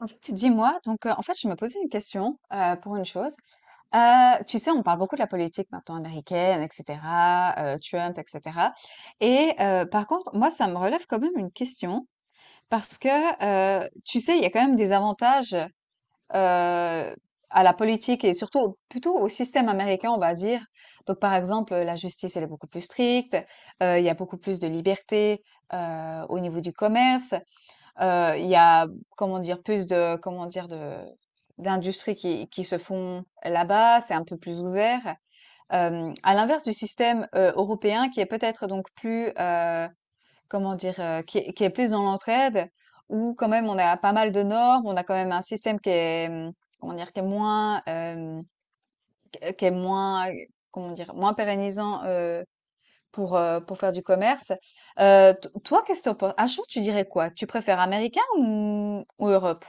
En fait, dis-moi, donc en fait, je me posais une question, pour une chose. Tu sais, on parle beaucoup de la politique maintenant américaine etc., Trump etc. et par contre, moi, ça me relève quand même une question parce que, tu sais, il y a quand même des avantages, heu, à la politique et surtout au plutôt au système américain, on va dire. Donc par exemple, la justice, elle est beaucoup plus stricte, il y a beaucoup plus de liberté, au niveau du commerce. Il y a, comment dire, plus de, comment dire, d'industries qui se font là-bas, c'est un peu plus ouvert. À l'inverse du système européen qui est peut-être donc plus, comment dire, qui est plus dans l'entraide, où quand même on a pas mal de normes, on a quand même un système qui est, comment dire, qui est moins, qui est moins, comment dire, moins pérennisant pour faire du commerce. T toi, qu'est-ce que tu en un jour, tu dirais quoi? Tu préfères américain ou Europe?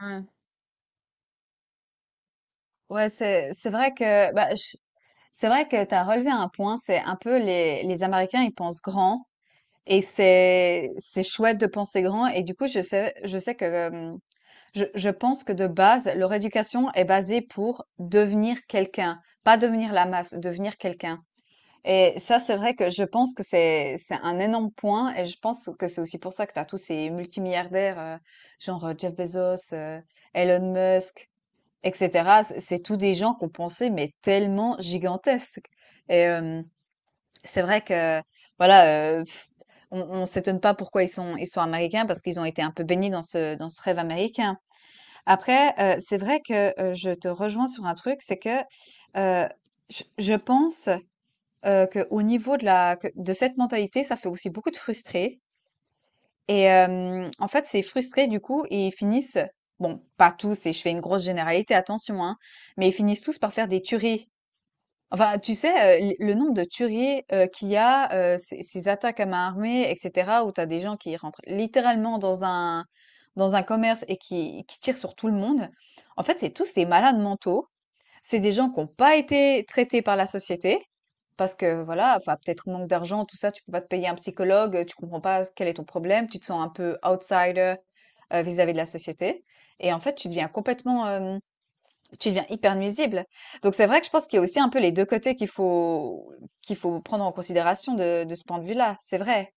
Ouais. Ouais, c'est vrai que, bah, je c'est vrai que t'as relevé un point, c'est un peu les Américains, ils pensent grand et c'est chouette de penser grand et du coup, je sais que, je pense que de base, leur éducation est basée pour devenir quelqu'un, pas devenir la masse, devenir quelqu'un. Et ça, c'est vrai que je pense que c'est un énorme point et je pense que c'est aussi pour ça que tu as tous ces multimilliardaires, genre Jeff Bezos, Elon Musk, etc. C'est tous des gens qu'on pensait mais tellement gigantesques. Et c'est vrai que voilà, euh, pff, on s'étonne pas pourquoi ils sont américains parce qu'ils ont été un peu baignés dans ce rêve américain. Après, c'est vrai que je te rejoins sur un truc, c'est que euh, je pense que au niveau de la que de cette mentalité, ça fait aussi beaucoup de frustrés et en fait, ces frustrés, du coup, ils finissent bon, pas tous et je fais une grosse généralité, attention, hein, mais ils finissent tous par faire des tueries. Enfin, tu sais, l le nombre de tueries, qu'il y a, ces attaques à main armée etc., où t'as des gens qui rentrent littéralement dans un commerce et qui tirent sur tout le monde. En fait, c'est tous ces malades mentaux. C'est des gens qui n'ont pas été traités par la société parce que voilà, enfin peut-être manque d'argent, tout ça, tu peux pas te payer un psychologue, tu comprends pas quel est ton problème, tu te sens un peu outsider vis-à-vis de la société. Et en fait, tu deviens complètement, tu deviens hyper nuisible. Donc c'est vrai que je pense qu'il y a aussi un peu les deux côtés qu'il faut prendre en considération de ce point de vue-là. C'est vrai.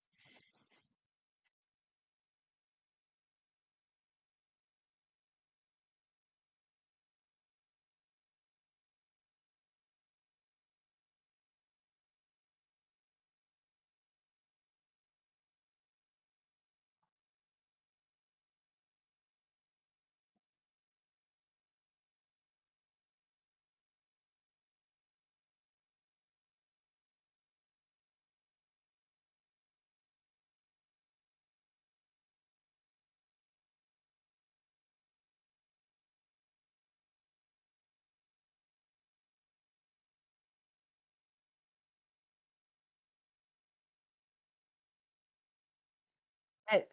Ouais,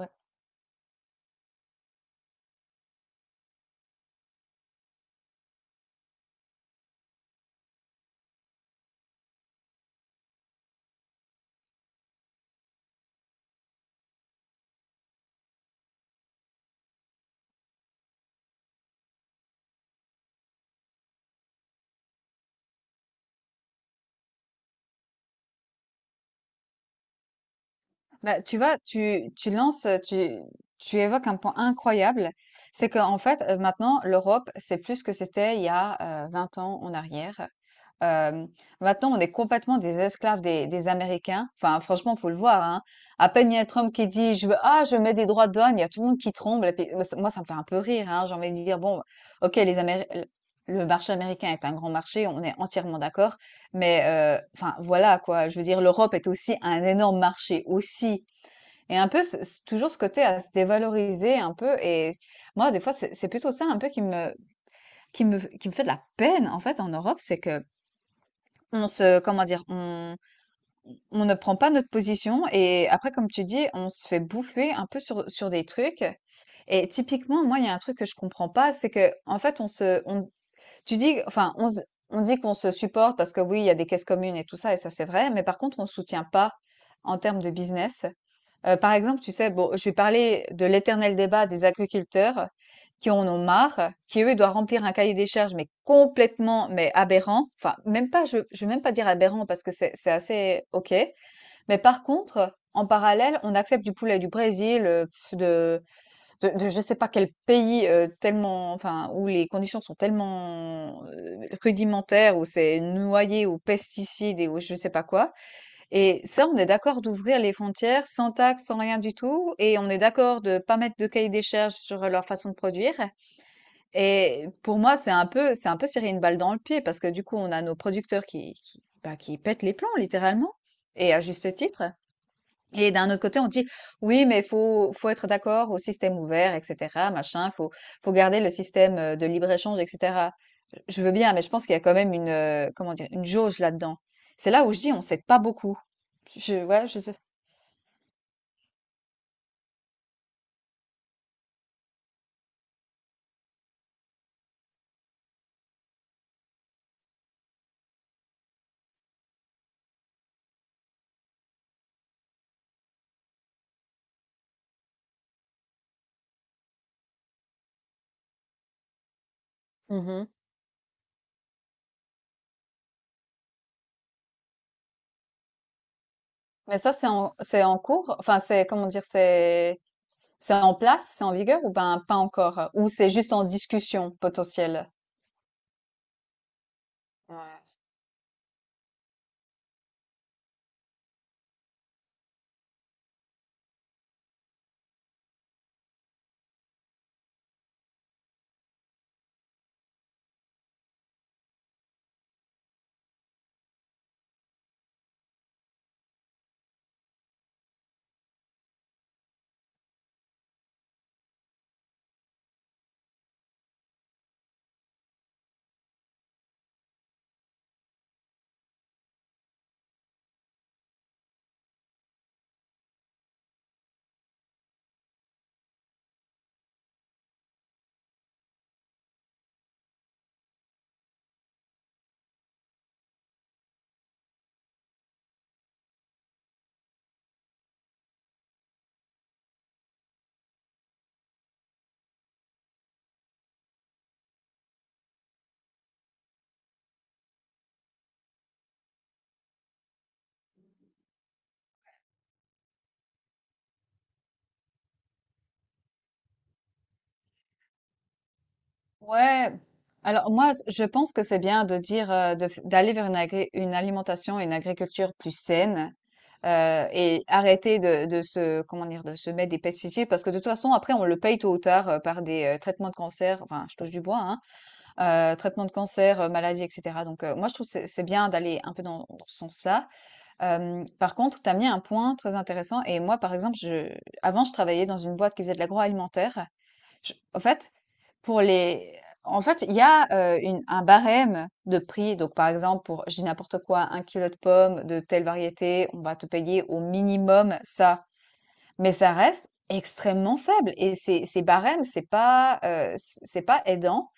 ouais, bah, tu vois, tu lances, tu évoques un point incroyable. C'est qu'en fait, maintenant, l'Europe, c'est plus ce que c'était il y a 20 ans en arrière. Euh, maintenant, on est complètement des esclaves des Américains. Enfin, franchement, faut le voir, hein. À peine il y a Trump qui dit, je veux, ah, je mets des droits de douane, il y a tout le monde qui tremble. Et puis, moi, ça me fait un peu rire, hein. J'ai envie de dire, bon, ok, le marché américain est un grand marché, on est entièrement d'accord. Mais, enfin, voilà, quoi. Je veux dire, l'Europe est aussi un énorme marché aussi. Et un peu, ce toujours ce côté à se dévaloriser un peu et moi, des fois, c'est plutôt ça un peu qui me fait de la peine, en fait, en Europe. C'est que on se comment dire? On ne prend pas notre position et après, comme tu dis, on se fait bouffer un peu sur des trucs et typiquement, moi, il y a un truc que je comprends pas, c'est que en fait, on se on tu dis enfin, on se on dit qu'on se supporte parce que oui, il y a des caisses communes et tout ça et ça, c'est vrai, mais par contre, on soutient pas en termes de business. Par exemple, tu sais, bon, je vais parler de l'éternel débat des agriculteurs qui en ont marre, qui, eux, doivent remplir un cahier des charges, mais complètement, mais aberrant. Enfin, même pas, je vais même pas dire aberrant parce que c'est assez OK. Mais par contre, en parallèle, on accepte du poulet du Brésil, de je sais pas quel pays, tellement enfin, où les conditions sont tellement, rudimentaires, où c'est noyé aux pesticides et aux je sais pas quoi. Et ça, on est d'accord d'ouvrir les frontières sans taxe, sans rien du tout, et on est d'accord de pas mettre de cahier des charges sur leur façon de produire. Et pour moi, c'est un peu, se tirer une balle dans le pied parce que du coup, on a nos producteurs bah, qui pètent les plombs littéralement, et à juste titre. Et d'un autre côté, on dit oui, mais faut être d'accord au système ouvert, etc., machin. Faut garder le système de libre-échange, et cetera. Je veux bien, mais je pense qu'il y a quand même une comment dire une jauge là-dedans. C'est là où je dis on s'aide pas beaucoup. Je Ouais, je sais. Mhm. Mais ça, c'est en cours. Enfin, c'est comment dire, c'est en place, c'est en vigueur ou ben pas encore, ou c'est juste en discussion potentielle. Ouais. Alors moi, je pense que c'est bien de dire d'aller vers une alimentation, une agriculture plus saine et arrêter de se comment dire de se mettre des pesticides parce que de toute façon après on le paye tôt ou tard par des traitements de cancer. Enfin, je touche du bois, hein, traitements de cancer, maladies, etc. Donc moi je trouve que c'est bien d'aller un peu dans ce sens-là. Par contre, tu as mis un point très intéressant et moi par exemple, je avant je travaillais dans une boîte qui faisait de l'agroalimentaire. En fait. Pour les En fait, il y a, une un barème de prix. Donc par exemple, pour je dis n'importe quoi, un kilo de pommes de telle variété, on va te payer au minimum ça. Mais ça reste extrêmement faible et ces barèmes, c'est pas, c'est pas aidant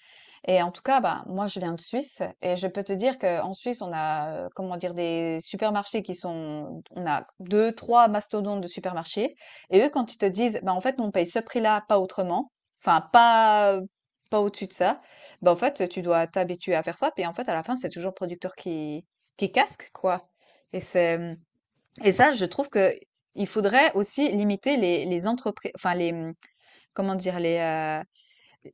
et en tout cas, bah, moi, je viens de Suisse et je peux te dire qu'en Suisse, on a, comment dire, des supermarchés qui sont, on a deux, trois mastodontes de supermarchés. Et eux, quand ils te disent, bah, en fait, nous, on paye ce prix-là, pas autrement, enfin, pas au-dessus de ça, bah, en fait, tu dois t'habituer à faire ça. Puis, en fait, à la fin, c'est toujours le producteur qui casque, quoi. Et et ça, je trouve que il faudrait aussi limiter les entreprises, enfin, comment dire,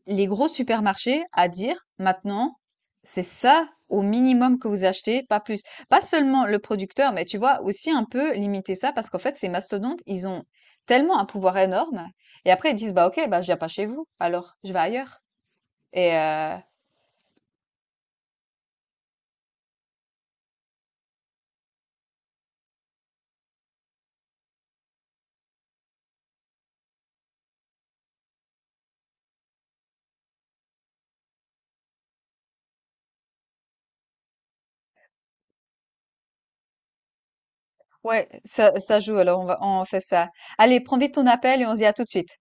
les gros supermarchés à dire maintenant, c'est ça au minimum que vous achetez, pas plus. Pas seulement le producteur, mais tu vois, aussi un peu limiter ça parce qu'en fait, ces mastodontes, ils ont tellement un pouvoir énorme. Et après, ils disent, bah ok, bah je viens pas chez vous, alors je vais ailleurs. Et ouais, ça joue, alors on fait ça. Allez, prends vite ton appel et on se dit à tout de suite.